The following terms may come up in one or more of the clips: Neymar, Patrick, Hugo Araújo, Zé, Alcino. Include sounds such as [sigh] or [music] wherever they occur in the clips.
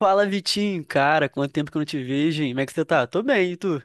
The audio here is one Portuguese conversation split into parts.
Fala, Vitinho, cara, quanto tempo que eu não te vejo, hein? Como é que você tá? Tô bem, e tu?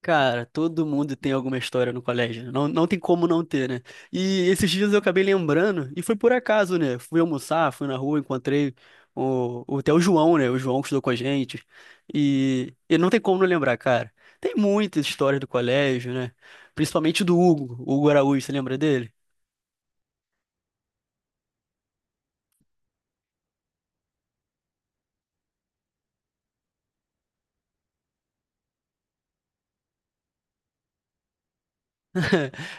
Cara, todo mundo tem alguma história no colégio, né? Não, não tem como não ter, né? E esses dias eu acabei lembrando, e foi por acaso, né? Fui almoçar, fui na rua, encontrei até o João, né? O João que estudou com a gente, e não tem como não lembrar, cara. Tem muitas histórias do colégio, né? Principalmente do Hugo, o Hugo Araújo, você lembra dele?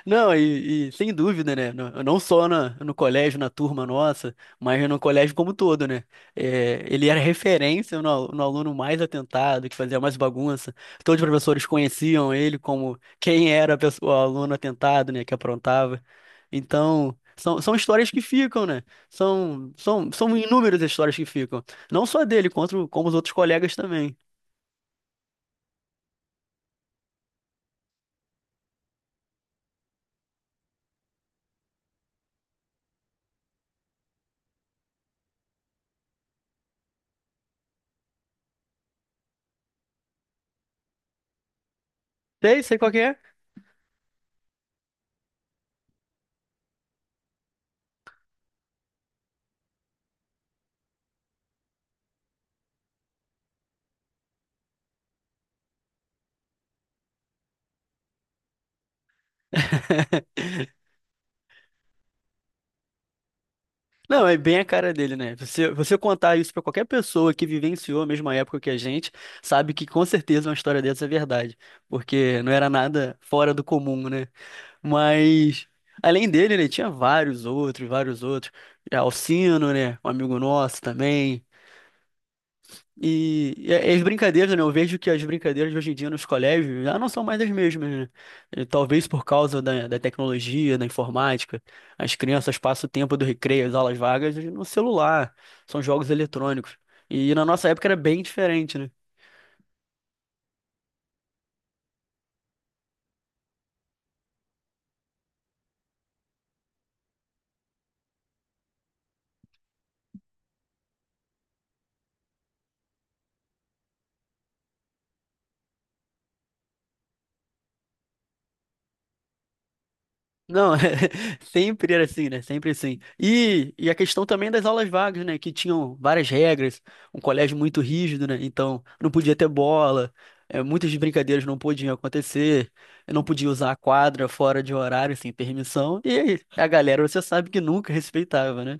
Não, e sem dúvida, né? Não, não só no colégio, na turma nossa, mas no colégio como um todo, né? É, ele era referência no, no aluno mais atentado, que fazia mais bagunça. Todos os professores conheciam ele como quem era o aluno atentado, né? Que aprontava. Então, são histórias que ficam, né? São inúmeras as histórias que ficam. Não só dele, quanto, como os outros colegas também. Sei, sei qual que é. [laughs] Não, é bem a cara dele, né? Você contar isso pra qualquer pessoa que vivenciou a mesma época que a gente, sabe que com certeza uma história dessa é verdade, porque não era nada fora do comum, né? Mas além dele, né, tinha vários outros, vários outros. É, Alcino, né? Um amigo nosso também. E as brincadeiras, né? Eu vejo que as brincadeiras de hoje em dia nos colégios já não são mais as mesmas, né? E talvez por causa da tecnologia, da informática. As crianças passam o tempo do recreio, as aulas vagas, no celular. São jogos eletrônicos. E na nossa época era bem diferente, né? Não, [laughs] é sempre era assim, né? Sempre assim. E a questão também das aulas vagas, né? Que tinham várias regras, um colégio muito rígido, né? Então, não podia ter bola, é, muitas brincadeiras não podiam acontecer, eu não podia usar a quadra fora de horário, sem permissão. E aí, a galera, você sabe que nunca respeitava, né?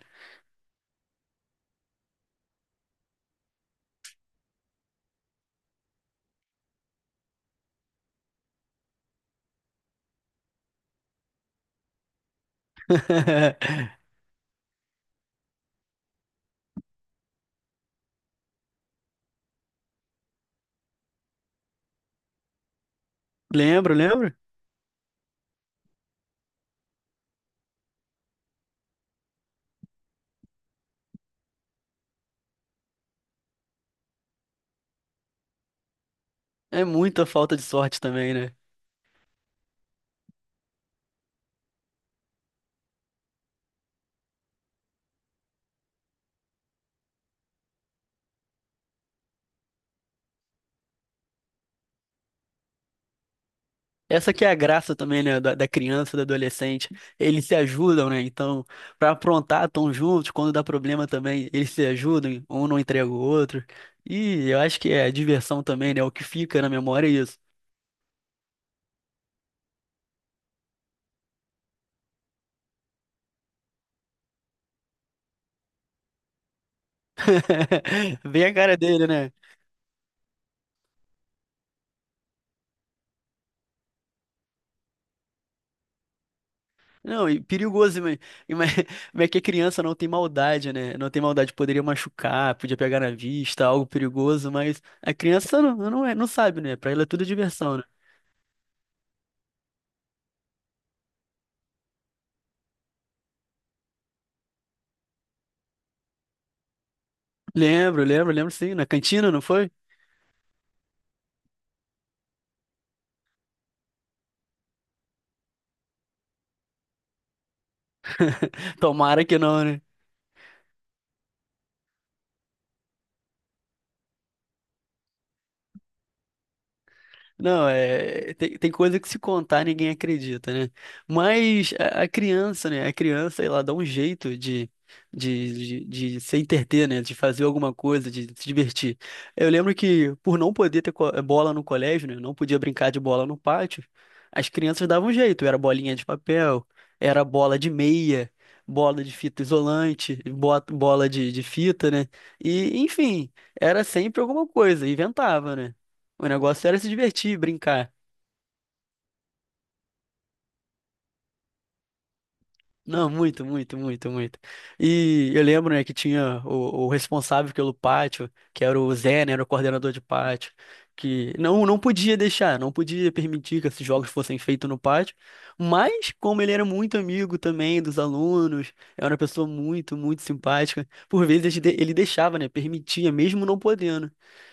[laughs] Lembro, lembro. É muita falta de sorte também, né? Essa que é a graça também, né, da criança, do adolescente. Eles se ajudam, né? Então, pra aprontar, estão juntos. Quando dá problema também, eles se ajudam. Um não entrega o outro. E eu acho que é a diversão também, né? O que fica na memória é isso. [laughs] Vem a cara dele, né? Não, e perigoso, mas, mas é que a criança não tem maldade, né? Não tem maldade, poderia machucar, podia pegar na vista, algo perigoso, mas a criança não, não, é, não sabe, né? Pra ela é tudo diversão, né? Lembro, lembro, lembro sim, na cantina, não foi? [laughs] Tomara que não, né? Não, é, tem, tem coisa que se contar ninguém acredita, né? Mas a criança, né? A criança, ela dá um jeito de, de, de se entreter, né? De fazer alguma coisa, de se divertir. Eu lembro que, por não poder ter bola no colégio, né? Não podia brincar de bola no pátio, as crianças davam um jeito. Era bolinha de papel, era bola de meia, bola de fita isolante, bola de fita, né? E, enfim, era sempre alguma coisa, inventava, né? O negócio era se divertir, brincar. Não, muito, muito, muito, muito. E eu lembro, né, que tinha o responsável pelo pátio, que era o Zé, né, era o coordenador de pátio, que não, não podia deixar, não podia permitir que esses jogos fossem feitos no pátio. Mas, como ele era muito amigo também dos alunos, era uma pessoa muito, muito simpática, por vezes ele deixava, né, permitia, mesmo não podendo.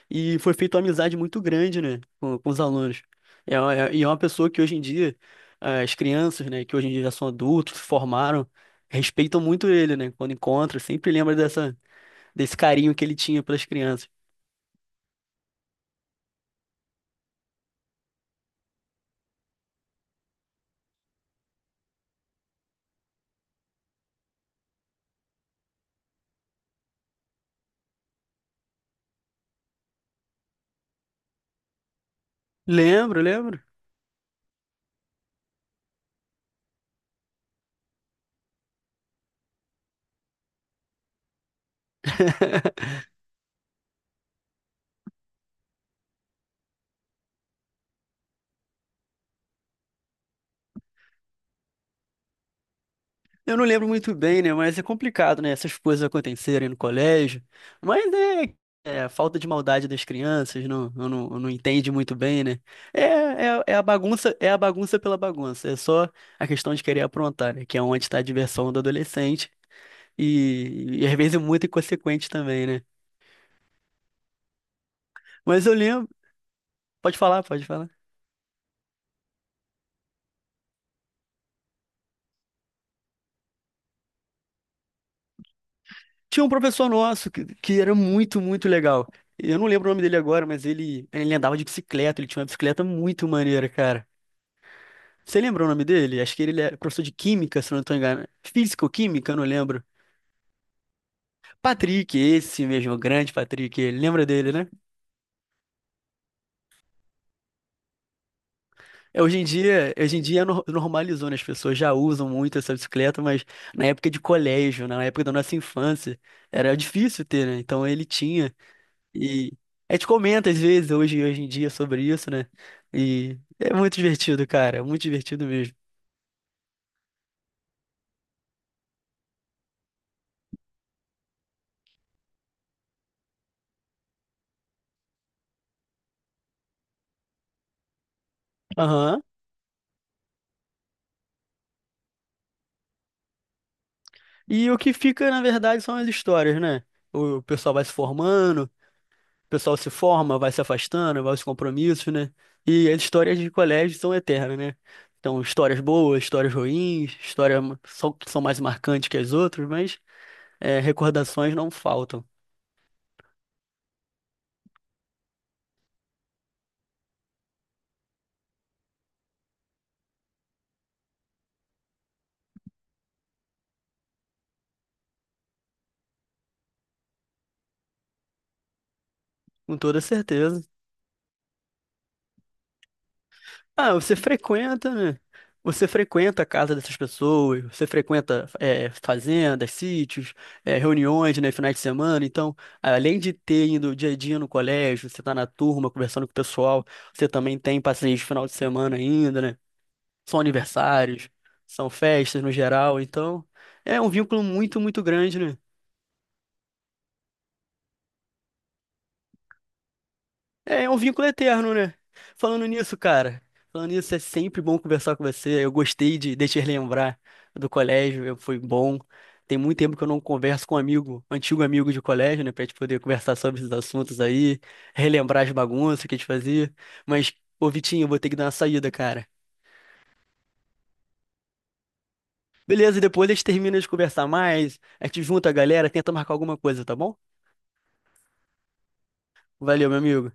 E foi feita uma amizade muito grande, né, com os alunos. É, é uma pessoa que hoje em dia. As crianças, né, que hoje em dia já são adultos, se formaram, respeitam muito ele, né? Quando encontram, sempre lembra dessa, desse carinho que ele tinha pelas crianças. Lembro, lembro. [laughs] Eu não lembro muito bem, né? Mas é complicado, né? Essas coisas acontecerem no colégio. Mas é, a falta de maldade das crianças, não, eu não entende muito bem, né? É a bagunça pela bagunça. É só a questão de querer aprontar, né? Que é onde está a diversão do adolescente. E às vezes é muito inconsequente também, né? Mas eu lembro. Pode falar, pode falar. Tinha um professor nosso que era muito, muito legal. Eu não lembro o nome dele agora, mas ele andava de bicicleta, ele tinha uma bicicleta muito maneira, cara. Você lembra o nome dele? Acho que ele é professor de química, se eu não estou enganado. Físico-química, eu não lembro. Patrick, esse mesmo, o grande Patrick, ele lembra dele, né? É, hoje em dia, hoje em dia normalizou, né? As pessoas já usam muito essa bicicleta, mas na época de colégio, na época da nossa infância, era difícil ter, né? Então ele tinha. E a gente comenta às vezes hoje, hoje em dia sobre isso, né? E é muito divertido, cara, é muito divertido mesmo. Aham. E o que fica, na verdade, são as histórias, né? O pessoal vai se formando, o pessoal se forma, vai se afastando, vai aos compromissos, né? E as histórias de colégio são eternas, né? Então, histórias boas, histórias ruins, histórias só que são mais marcantes que as outras, mas é, recordações não faltam, com toda certeza. Ah, você frequenta, né? Você frequenta a casa dessas pessoas, você frequenta é, fazendas, sítios, é, reuniões, né, finais de semana. Então, além de ter ido dia a dia no colégio, você tá na turma conversando com o pessoal, você também tem passeios de final de semana ainda, né? São aniversários, são festas no geral. Então, é um vínculo muito, muito grande, né? É, é um vínculo eterno, né? Falando nisso, cara, falando nisso, é sempre bom conversar com você. Eu gostei de te lembrar do colégio, foi bom. Tem muito tempo que eu não converso com um amigo, antigo amigo de colégio, né, pra gente poder conversar sobre esses assuntos aí, relembrar as bagunças que a gente fazia. Mas, ô Vitinho, eu vou ter que dar uma saída, cara. Beleza, depois a gente termina de conversar mais, a gente junta a galera, tenta marcar alguma coisa, tá bom? Valeu, meu amigo.